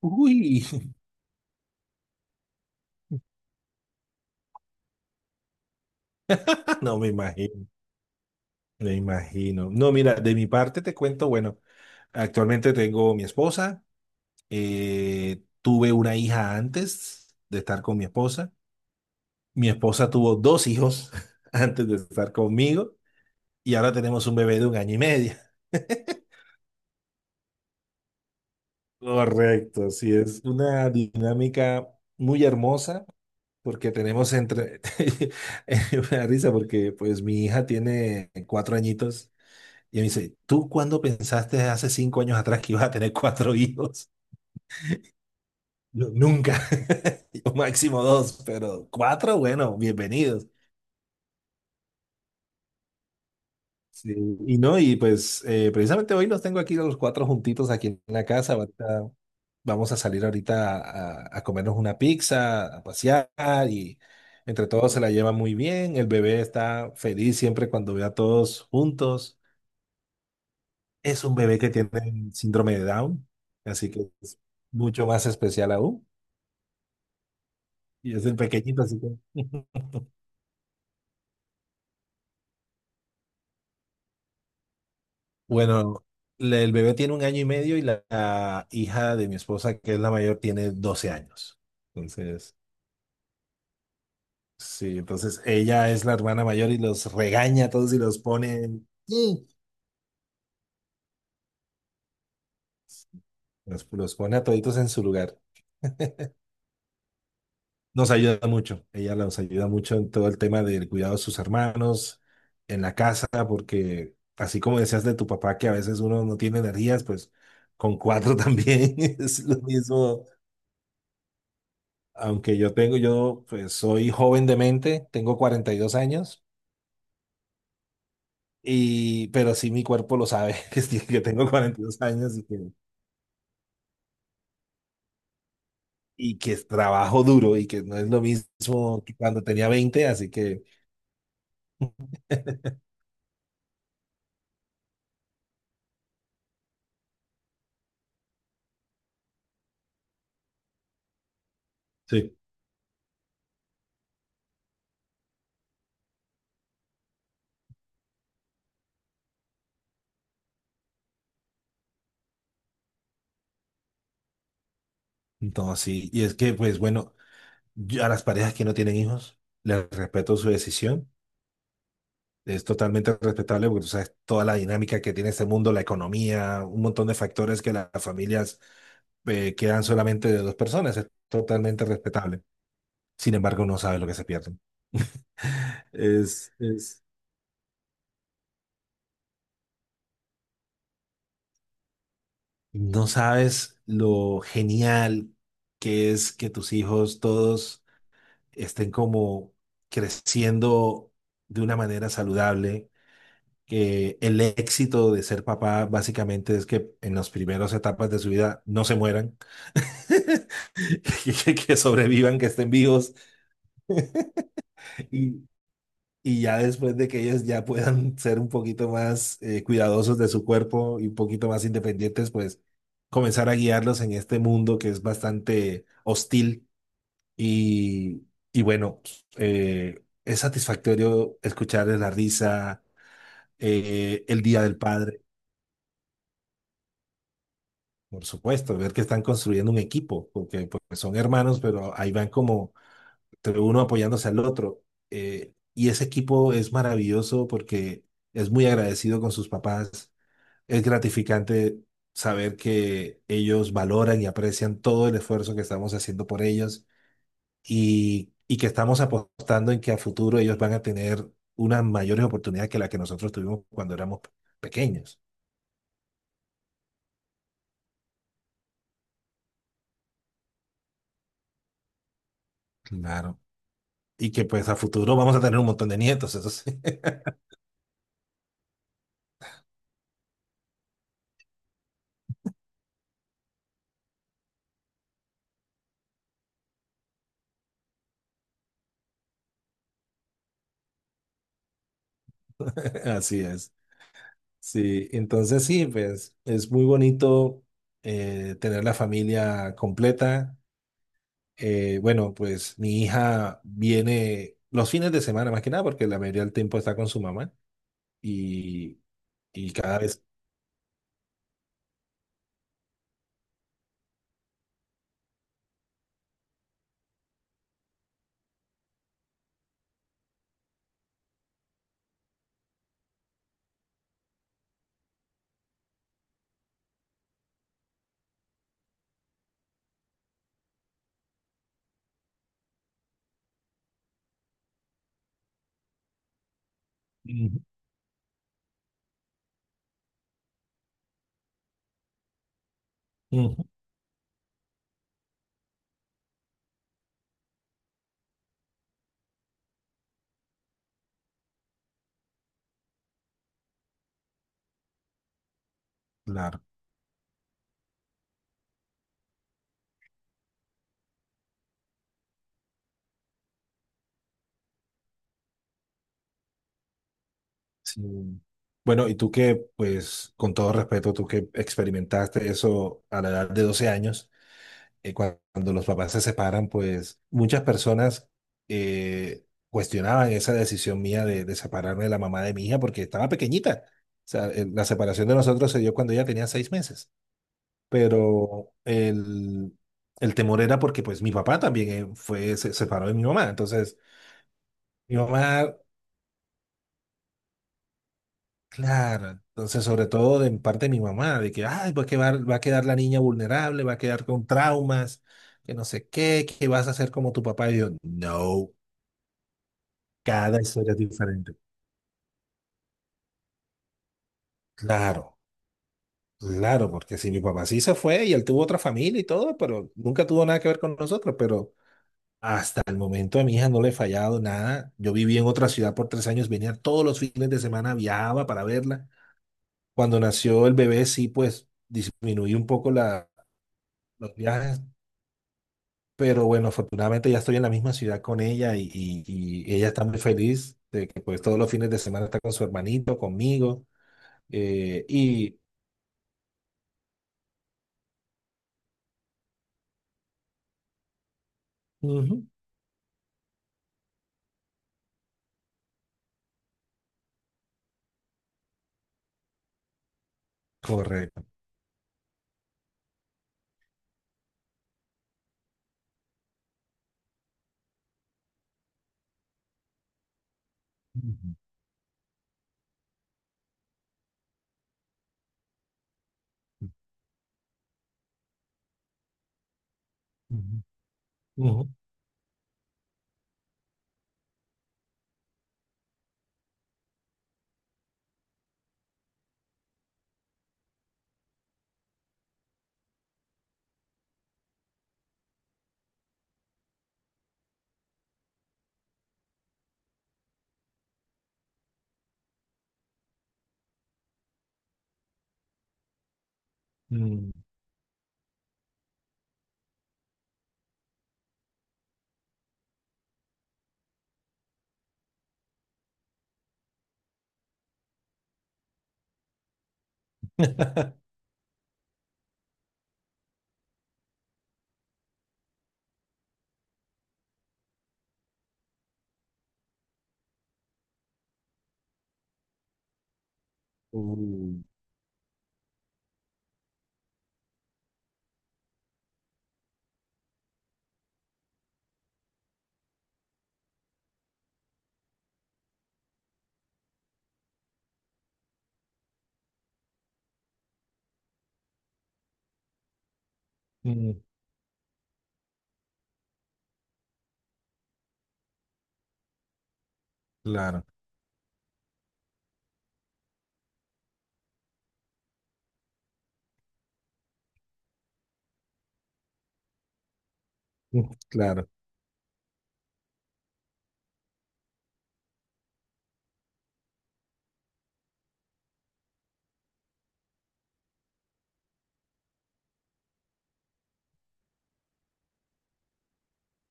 Uy, no me imagino, me imagino. No, mira, de mi parte te cuento, bueno, actualmente tengo mi esposa, tuve una hija antes de estar con mi esposa tuvo dos hijos antes de estar conmigo, y ahora tenemos un bebé de un año y medio. Correcto, sí, es una dinámica muy hermosa porque tenemos entre, es una risa porque pues mi hija tiene 4 añitos. Y me dice, ¿tú cuándo pensaste hace 5 años atrás que ibas a tener cuatro hijos? Yo, nunca. Yo, máximo dos, pero cuatro, bueno, bienvenidos. Sí, y no, y pues precisamente hoy los tengo aquí los cuatro juntitos aquí en la casa. Ahorita vamos a salir ahorita a comernos una pizza, a pasear, y entre todos se la lleva muy bien. El bebé está feliz siempre cuando ve a todos juntos. Es un bebé que tiene síndrome de Down, así que es mucho más especial aún. Y es el pequeñito, así que... Bueno, el bebé tiene un año y medio, y la hija de mi esposa, que es la mayor, tiene 12 años. Entonces, sí, entonces ella es la hermana mayor y los regaña a todos y los pone, ¡sí!, los pone a toditos en su lugar. Nos ayuda mucho, ella nos ayuda mucho en todo el tema del cuidado de sus hermanos, en la casa, porque así como decías de tu papá, que a veces uno no tiene energías, pues con cuatro también es lo mismo. Aunque yo tengo, yo pues soy joven de mente, tengo 42 años, y, pero sí mi cuerpo lo sabe, que, sí, que tengo 42 años y que trabajo duro y que no es lo mismo que cuando tenía 20, así que... Sí. No, sí, y es que, pues bueno, yo a las parejas que no tienen hijos, les respeto su decisión. Es totalmente respetable porque tú sabes toda la dinámica que tiene este mundo, la economía, un montón de factores, que las familias quedan solamente de dos personas. Es totalmente respetable. Sin embargo, no sabes lo que se pierden. Es, es... No sabes lo genial que es que tus hijos todos estén como creciendo de una manera saludable, que el éxito de ser papá básicamente es que en las primeras etapas de su vida no se mueran, que, que sobrevivan, que estén vivos, y, y ya después de que ellos ya puedan ser un poquito más cuidadosos de su cuerpo y un poquito más independientes, pues comenzar a guiarlos en este mundo que es bastante hostil, y, y bueno, es satisfactorio escucharles la risa. El Día del Padre. Por supuesto, ver que están construyendo un equipo, porque son hermanos, pero ahí van como entre uno apoyándose al otro. Y ese equipo es maravilloso porque es muy agradecido con sus papás. Es gratificante saber que ellos valoran y aprecian todo el esfuerzo que estamos haciendo por ellos, y que estamos apostando en que a futuro ellos van a tener unas mayores oportunidades que las que nosotros tuvimos cuando éramos pequeños. Claro. Y que pues a futuro vamos a tener un montón de nietos, eso sí. Así es. Sí, entonces sí, pues es muy bonito tener la familia completa. Bueno, pues mi hija viene los fines de semana más que nada porque la mayoría del tiempo está con su mamá, y, y cada vez... Ujú, ujú, claro. Sí. Bueno, y tú que, pues con todo respeto, tú que experimentaste eso a la edad de 12 años. Cuando los papás se separan, pues muchas personas cuestionaban esa decisión mía de separarme de la mamá de mi hija porque estaba pequeñita. O sea, la separación de nosotros se dio cuando ella tenía 6 meses, pero el temor era porque pues mi papá también fue, se separó de mi mamá. Entonces, mi mamá, claro, entonces sobre todo de parte de mi mamá, de que, ay, pues que va, va a quedar la niña vulnerable, va a quedar con traumas, que no sé qué, que vas a hacer como tu papá. Y yo, no. Cada historia es diferente. Claro, claro, porque si mi papá sí se fue y él tuvo otra familia y todo, pero nunca tuvo nada que ver con nosotros, pero hasta el momento a mi hija no le he fallado nada. Yo viví en otra ciudad por 3 años, venía todos los fines de semana, viajaba para verla. Cuando nació el bebé sí, pues disminuí un poco la, los viajes, pero bueno, afortunadamente ya estoy en la misma ciudad con ella, y ella está muy feliz de que pues todos los fines de semana está con su hermanito, conmigo, eh, y... ujú. Correcto. Ujú, ujú, ujú, mm. Uh, mm, claro, mm, claro.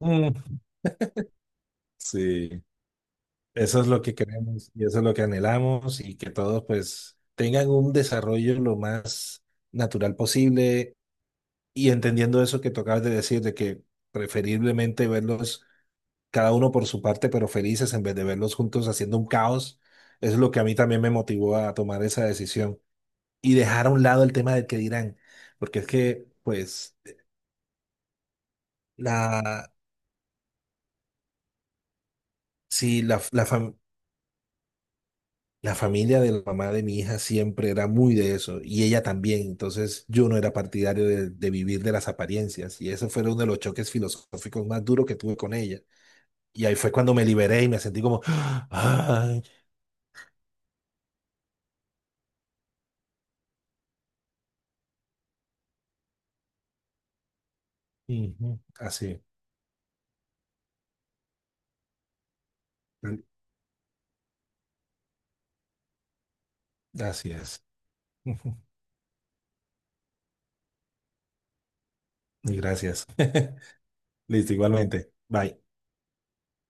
Mm, sí, eso es lo que queremos y eso es lo que anhelamos, y que todos pues tengan un desarrollo lo más natural posible, y entendiendo eso que tocabas de decir, de que preferiblemente verlos cada uno por su parte, pero felices, en vez de verlos juntos haciendo un caos, es lo que a mí también me motivó a tomar esa decisión. Y dejar a un lado el tema del que dirán, porque es que, pues, la, sí, la familia de la mamá de mi hija siempre era muy de eso, y ella también, entonces yo no era partidario de vivir de las apariencias, y ese fue uno de los choques filosóficos más duros que tuve con ella, y ahí fue cuando me liberé y me sentí como, ay, ujú. Así, así es. Y gracias. Listo, igualmente. Bye.